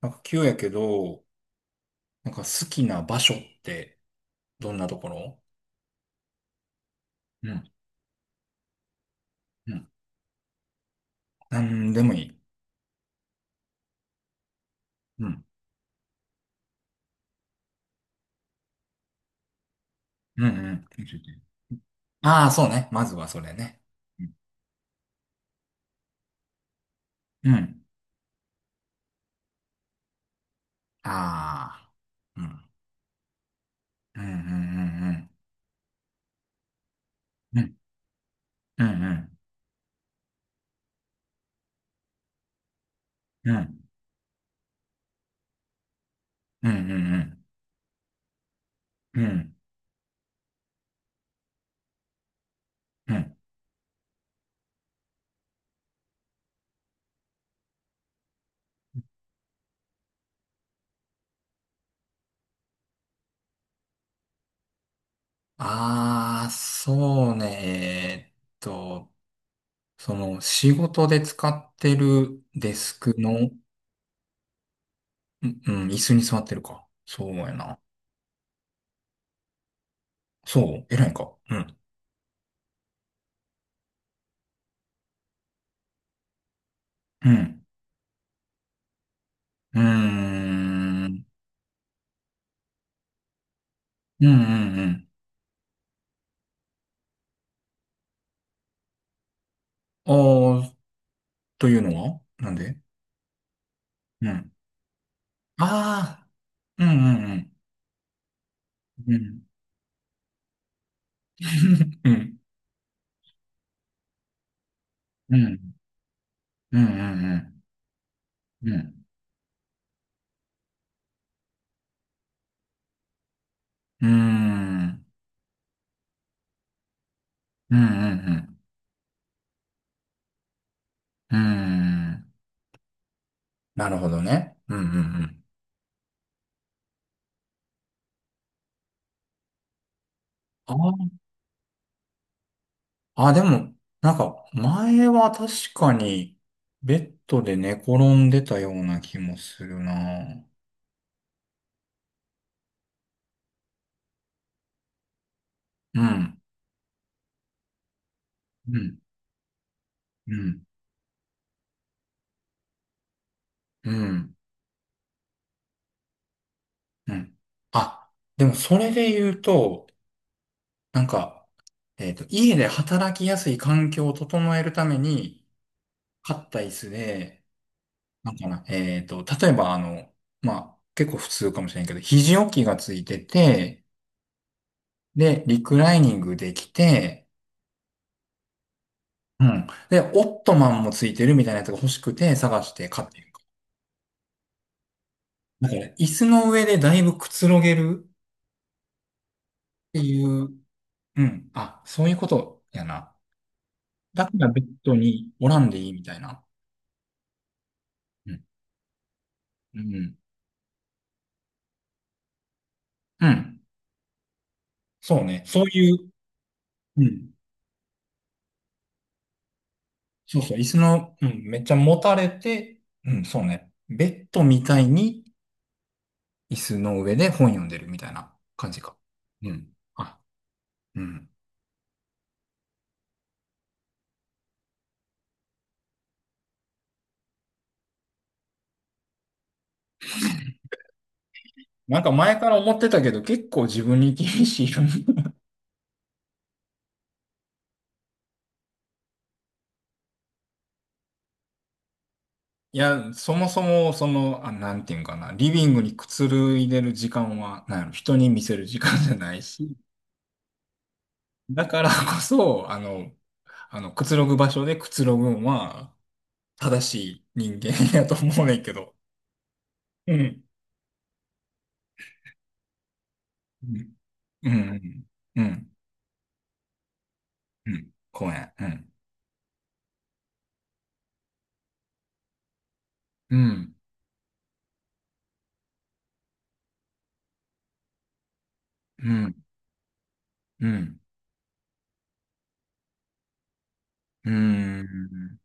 なんか急やけど、なんか好きな場所ってどんなところ？うん。うん。なんでもいい。うん。うんうん。ああ、そうね。まずはそれね。うん。ああー。うん。うんうんうんうん。うん。うんうんうんうんうん。うんうん。ああ、そうね。その仕事で使ってるデスクの、うん、うん、椅子に座ってるか。そうやな。そう、偉いか。うん。うん。うーん。うんうんうん。ああ、というのはなんで？うん。ああ、うんうんうん。うん。うん。うん。うんうんうん。うん。うーんうんうんうん。うーん。なるほどね。うんうんうん。ああ、あ、でも、なんか、前は確かに、ベッドで寝転んでたような気もするな。うん。うん。うん。うん。うん。あ、でもそれで言うと、なんか、家で働きやすい環境を整えるために、買った椅子で、なんかな、例えばあの、まあ、結構普通かもしれんけど、肘置きがついてて、で、リクライニングできて、うん。で、オットマンもついてるみたいなやつが欲しくて探して買ってる。だから、椅子の上でだいぶくつろげるっていう、うん。あ、そういうことやな。だからベッドにおらんでいいみたいな。うん。うん。うん、そうね。そういう、うん。そうそう。椅子の、うん。めっちゃ持たれて、うん。そうね。ベッドみたいに椅子の上で本読んでるみたいな感じか。うん。あ、うん。なんか前から思ってたけど、結構自分に厳しいよね。いや、そもそも、その、あ、なんていうんかな、リビングにくつろいでる時間は、なんやろ、人に見せる時間じゃないし、だからこそ、あの、あの、くつろぐ場所でくつろぐんは、正しい人間やと思うねんけど。うん。うん。うん。うん。うん、公園。うん。うん。うん。うん。うん。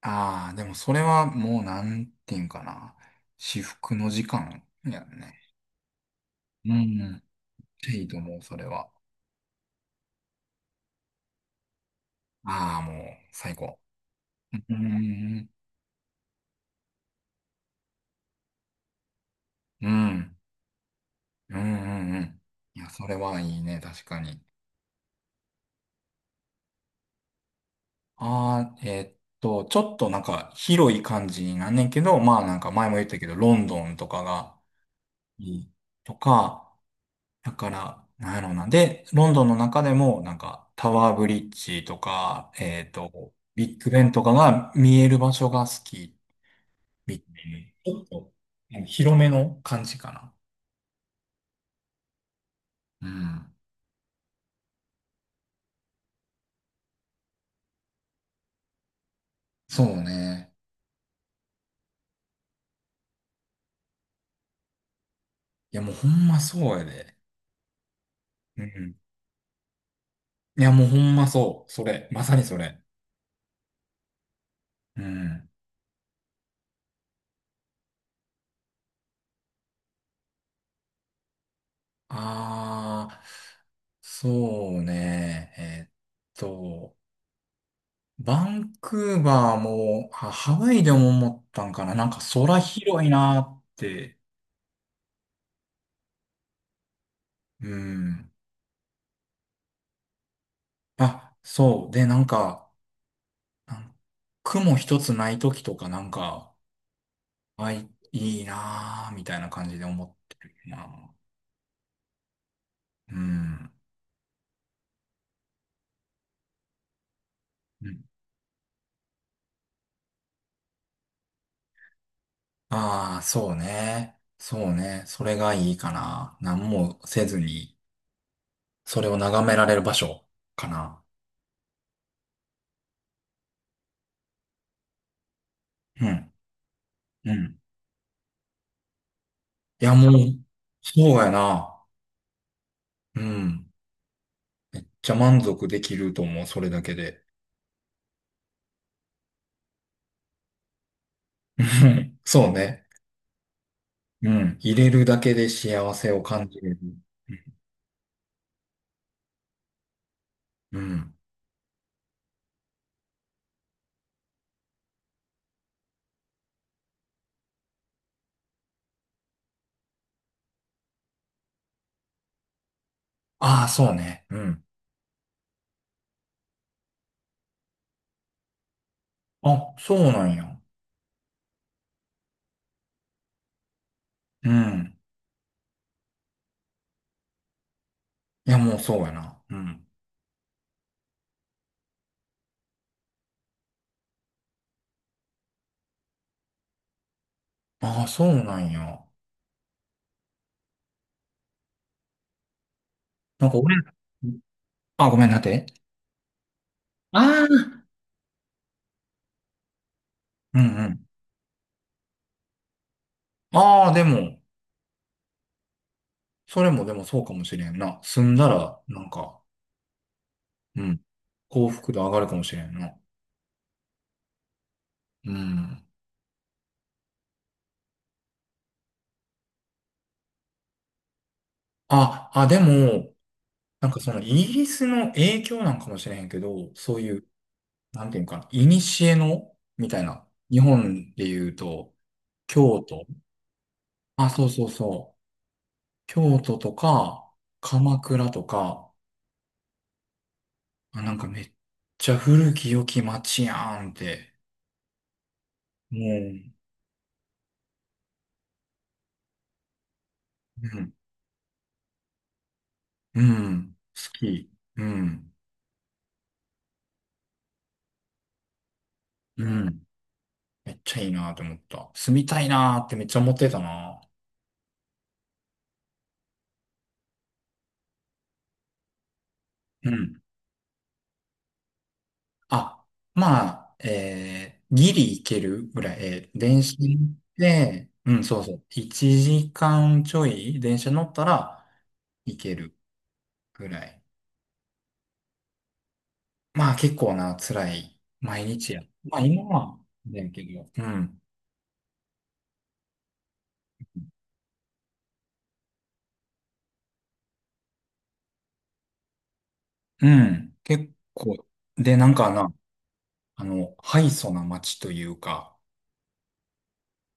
ああ、でもそれはもうなんていうんかな。至福の時間やんね。うん。いいと思う、それは。ああ、もう最高。うん。うん。うん。うん。うん。いや、それはいいね、確かに。ああ、ちょっとなんか広い感じになんねんけど、まあなんか前も言ったけど、ロンドンとかがいいとか、だから、なんやろうな。で、ロンドンの中でもなんかタワーブリッジとか、ビッグベンとかが見える場所が好きみたいな。ちょっと、うん、広めの感じかな。うん。そうね。いやもうほんまそうやで。うん。いやもうほんまそう。それ。まさにそれ。うん。ああ、そうね。と、バンクーバーも、あ、ハワイでも思ったんかな。なんか空広いなーって。うん。あ、そう。で、なんか、なん、雲一つない時とかなんか、あ、いいいなーみたいな感じで思ってるな。うん。ああー、そうね。そうね。それがいいかな。何もせずに。それを眺められる場所かな。うん。うん。いや、もう、そうやな。うん。じゃ満足できると思う、それだけで。うん、そうね。うん。入れるだけで幸せを感じれる。うん。ああ、そうね。うん。あ、そうなんや。うん。いや、もうそうやな。うん。ああ、そうなんや。なんか俺、あ、ごめんなって。ああ。うんうん。ああ、でも、それもでもそうかもしれんな。住んだら、なんか、うん。幸福度上がるかもしれんな。うん。あ、あ、でも、なんかそのイギリスの影響なんかもしれへんけど、そういう、なんていうんかな、古の、みたいな。日本で言うと、京都。あ、そうそうそう。京都とか、鎌倉とか、あ、なんかめっちゃ古き良き街やんって。もう、うん、うん、好き。うん、うん。めっちゃいいなって思った。住みたいなってめっちゃ思ってたな。うん。あ、まあ、ギリ行けるぐらい、電車で、うん、そうそう、1時間ちょい電車乗ったら行けるぐらい。まあ結構な、辛い毎日や。まあ今は、だけど、うん、うん、結構、で、なんかな、あの、敗訴な街というか、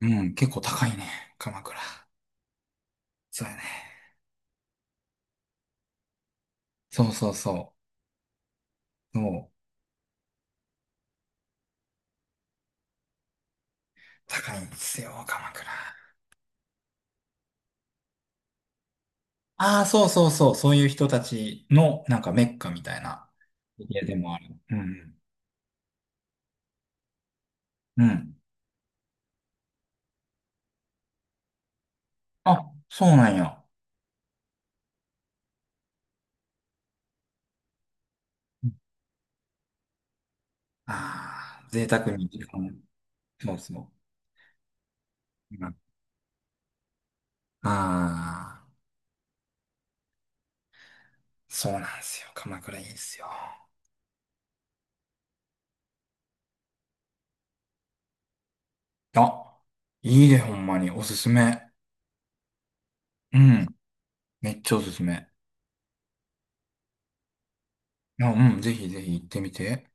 うん、結構高いね、鎌倉。そうやね。そうそうそう。そう、高いんですよ、鎌倉。ああ、そうそうそう、そういう人たちの、なんかメッカみたいな、家でもある。うん。うん。あ、そうなんや。ああ、贅沢に時間を、そうそう。うん、ああ、そうなんですよ。鎌倉いいですよ。あ、いいでほんまに。おすすめ。うん。めっちゃおすすめ。あ、うん、ぜひぜひ行ってみて。